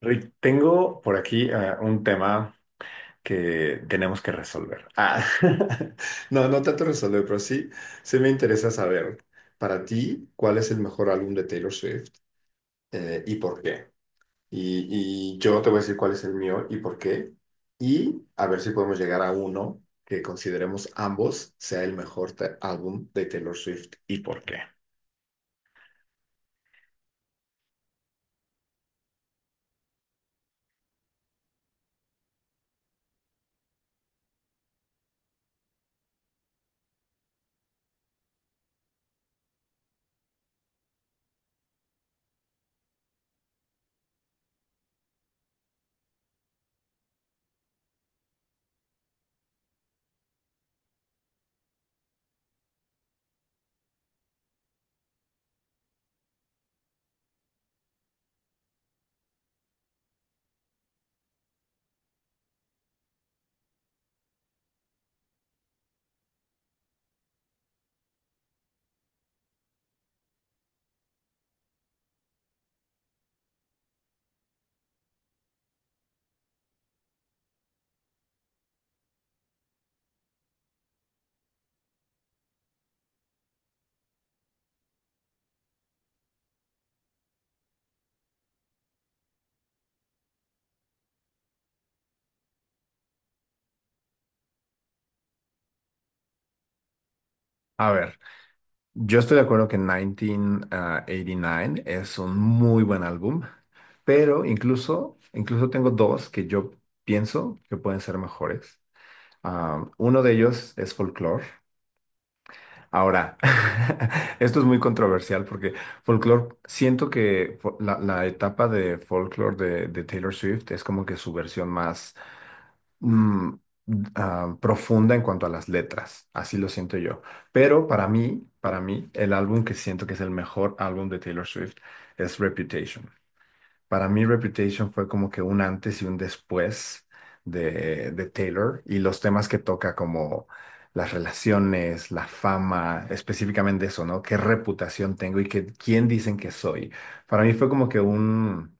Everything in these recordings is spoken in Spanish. Rick, tengo por aquí un tema que tenemos que resolver. Ah, no, no tanto resolver, pero sí, sí me interesa saber para ti cuál es el mejor álbum de Taylor Swift y por qué. Y yo te voy a decir cuál es el mío y por qué. Y a ver si podemos llegar a uno que consideremos ambos sea el mejor álbum de Taylor Swift y por qué. A ver, yo estoy de acuerdo que 1989 es un muy buen álbum, pero incluso tengo dos que yo pienso que pueden ser mejores. Ah, uno de ellos es Folklore. Ahora, esto es muy controversial porque folklore, siento que la etapa de folklore de Taylor Swift es como que su versión más mm, profunda en cuanto a las letras, así lo siento yo. Pero para mí, el álbum que siento que es el mejor álbum de Taylor Swift es Reputation. Para mí Reputation fue como que un antes y un después de Taylor y los temas que toca como las relaciones, la fama, específicamente eso, ¿no? ¿Qué reputación tengo y quién dicen que soy? Para mí fue como que un,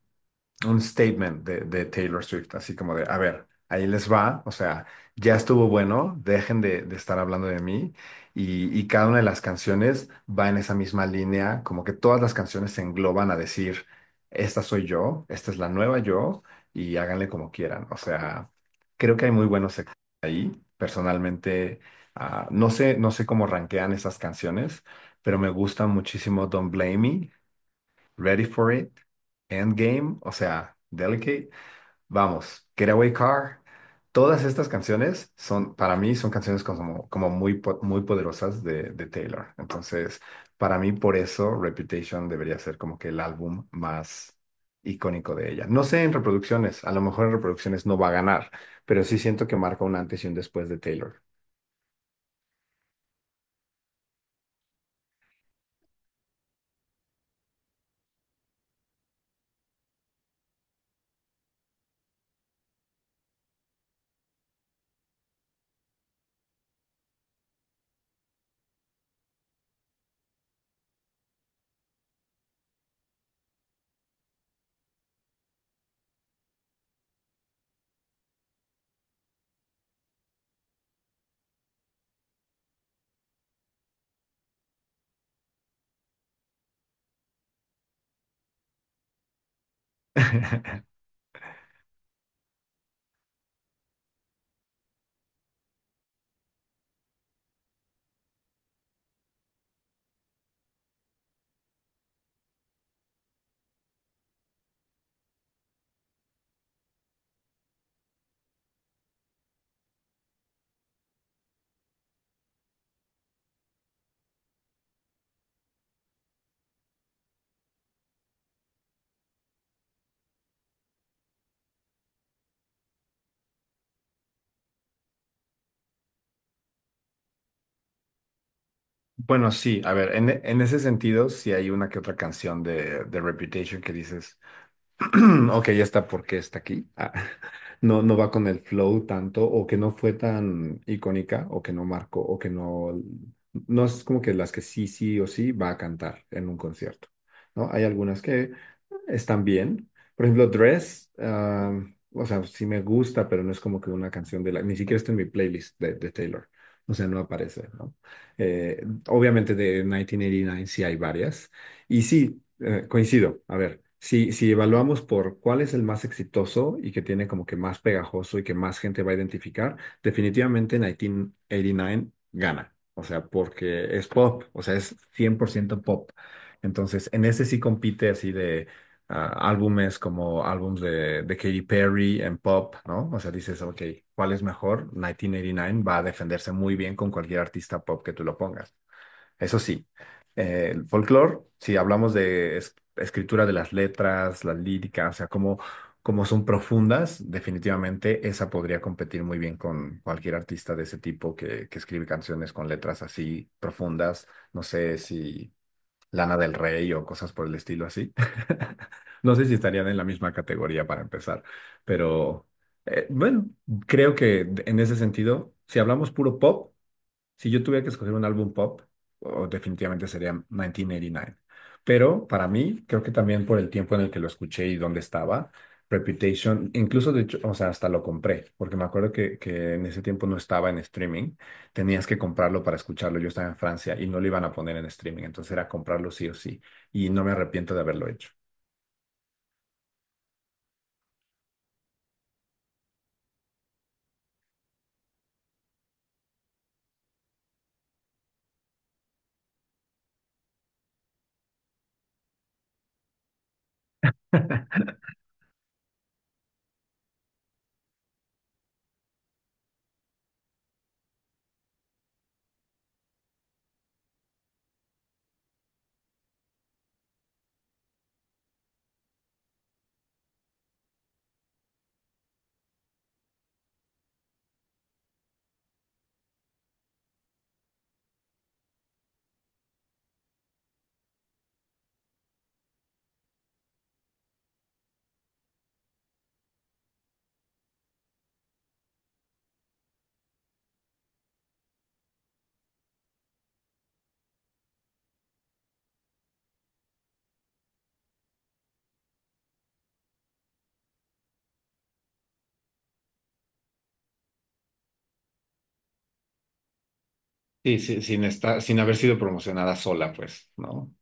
un statement de Taylor Swift, así como de, a ver, ahí les va, o sea, ya estuvo bueno, dejen de estar hablando de mí y cada una de las canciones va en esa misma línea, como que todas las canciones se engloban a decir, esta soy yo, esta es la nueva yo y háganle como quieran, o sea, creo que hay muy buenos ahí, personalmente, no sé cómo rankean esas canciones, pero me gusta muchísimo Don't Blame Me, Ready for It, Endgame, o sea, Delicate, vamos, Getaway Car. Todas estas canciones son, para mí, son canciones como muy, muy poderosas de Taylor. Entonces, para mí, por eso Reputation debería ser como que el álbum más icónico de ella. No sé en reproducciones, a lo mejor en reproducciones no va a ganar, pero sí siento que marca un antes y un después de Taylor. Bueno, sí, a ver, en, ese sentido, sí hay una que otra canción de Reputation que dices. Ok, ya está porque está aquí. Ah, no va con el flow tanto, o que no fue tan icónica, o que no marcó, o que no. No es como que las que sí, sí o sí va a cantar en un concierto, ¿no? Hay algunas que están bien. Por ejemplo, Dress, o sea, sí me gusta, pero no es como que una canción de la. Ni siquiera está en mi playlist de Taylor. O sea, no aparece, ¿no? Eh, obviamente de 1989 sí hay varias y sí, coincido. A ver, si evaluamos por cuál es el más exitoso y que tiene como que más pegajoso y que más gente va a identificar, definitivamente en 1989 gana. O sea, porque es pop, o sea, es 100% pop. Entonces, en ese sí compite así de álbumes como álbumes de Katy Perry en pop, ¿no? O sea, dices, ok, ¿cuál es mejor? 1989 va a defenderse muy bien con cualquier artista pop que tú lo pongas. Eso sí, el folclore, si hablamos de escritura de las letras, las líricas, o sea, cómo son profundas, definitivamente esa podría competir muy bien con cualquier artista de ese tipo que escribe canciones con letras así profundas. No sé si Lana del Rey o cosas por el estilo así. No sé si estarían en la misma categoría para empezar, pero bueno, creo que en ese sentido, si hablamos puro pop, si yo tuviera que escoger un álbum pop, oh, definitivamente sería 1989. Pero para mí, creo que también por el tiempo en el que lo escuché y dónde estaba, Reputation, incluso de hecho, o sea, hasta lo compré, porque me acuerdo que en ese tiempo no estaba en streaming, tenías que comprarlo para escucharlo. Yo estaba en Francia y no lo iban a poner en streaming, entonces era comprarlo sí o sí, y no me arrepiento de haberlo hecho. Sí, sí, sin estar, sin haber sido promocionada sola, pues, ¿no?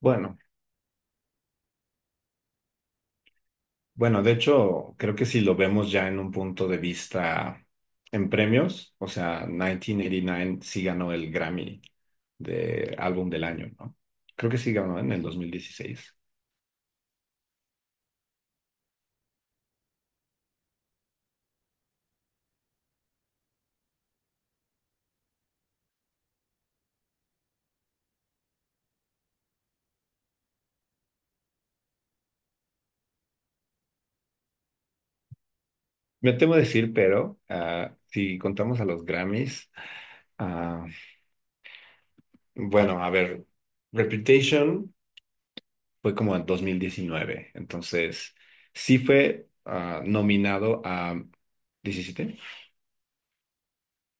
Bueno. Bueno, de hecho, creo que si lo vemos ya en un punto de vista en premios, o sea, 1989 sí ganó el Grammy de álbum del año, ¿no? Creo que sí ganó en el 2016. Me temo decir, pero si contamos a los Grammys, ah, bueno, a ver, Reputation fue como en 2019, entonces sí fue nominado a 17.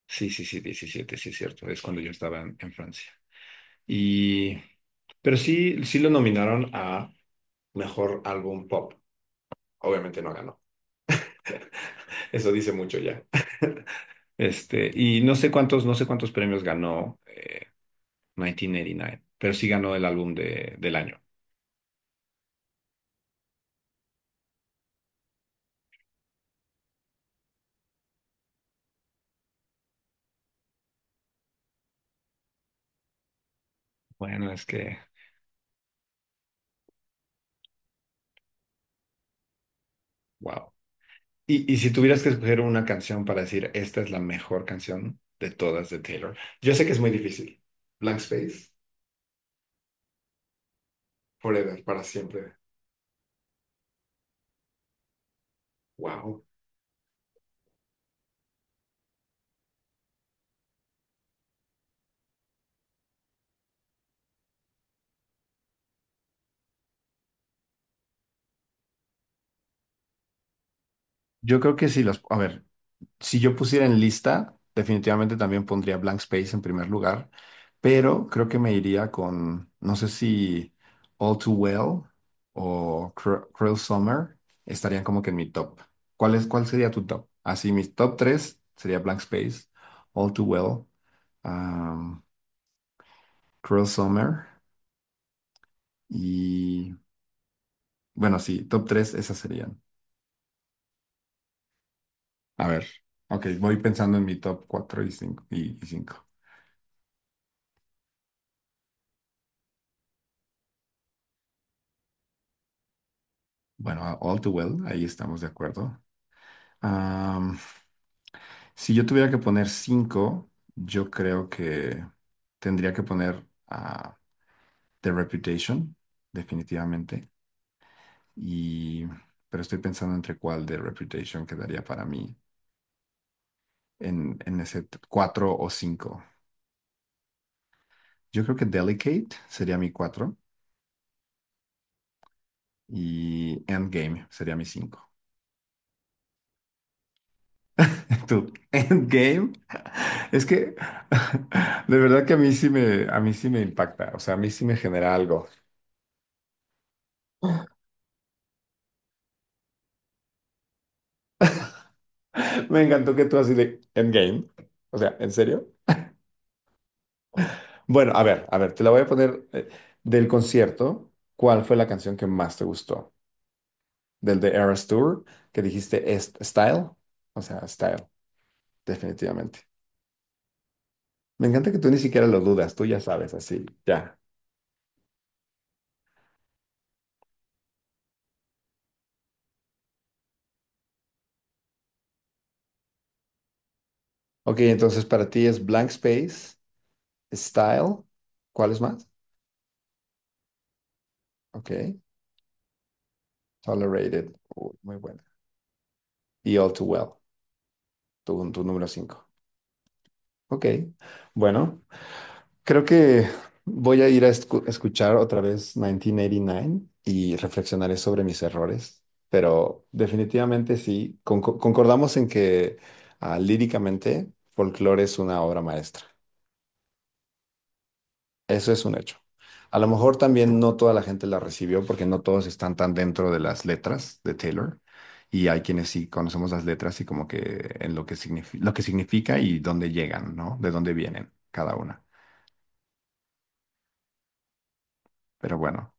Sí, sí, sí, 17, sí es cierto, es cuando yo estaba en Francia. Y, pero sí, sí lo nominaron a mejor álbum pop. Obviamente no ganó. Eso dice mucho ya. Este, y no sé cuántos premios ganó 1989, pero sí ganó el álbum de, del año. Bueno, es que, wow. Y si tuvieras que escoger una canción para decir, esta es la mejor canción de todas de Taylor, yo sé que es muy difícil. Blank Space, Forever, para siempre. Wow. Yo creo que sí las, a ver, si yo pusiera en lista, definitivamente también pondría Blank Space en primer lugar, pero creo que me iría con, no sé si All Too Well o Cruel Summer estarían como que en mi top. ¿Cuál es, cuál sería tu top? Así, mis top tres sería Blank Space, All Too Well, um, Cruel Summer y, bueno, sí, top tres esas serían. A ver, ok, voy pensando en mi top cuatro y cinco. Y cinco. Bueno, All Too Well, ahí estamos de acuerdo. Am, si yo tuviera que poner cinco, yo creo que tendría que poner a The Reputation, definitivamente. Y, pero estoy pensando entre cuál The Reputation quedaría para mí en ese cuatro o cinco. Yo creo que Delicate sería mi cuatro y Endgame sería mi cinco. Tú, Endgame. Es que de verdad que a mí sí me impacta, o sea, a mí sí me genera algo. Me encantó que tú así de Endgame. O sea, ¿en serio? Bueno, a ver, te la voy a poner del concierto. ¿Cuál fue la canción que más te gustó? Del The Eras Tour, que dijiste es Style. O sea, Style, definitivamente. Me encanta que tú ni siquiera lo dudas, tú ya sabes, así, ya. Ok, entonces para ti es Blank Space, Style. ¿Cuál es más? Ok, Tolerated. Uy, muy buena. Y All Too Well, tu número 5. Ok, bueno. Creo que voy a ir a escuchar otra vez 1989 y nueve y reflexionaré sobre mis errores, pero definitivamente sí, concordamos en que líricamente Folklore es una obra maestra. Eso es un hecho. A lo mejor también no toda la gente la recibió porque no todos están tan dentro de las letras de Taylor y hay quienes sí conocemos las letras y como que en lo que lo que significa y dónde llegan, ¿no? De dónde vienen cada una. Pero bueno.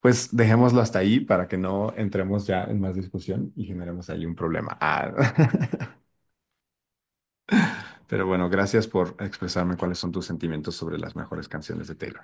Pues dejémoslo hasta ahí para que no entremos ya en más discusión y generemos ahí un problema. Ah. Pero bueno, gracias por expresarme cuáles son tus sentimientos sobre las mejores canciones de Taylor.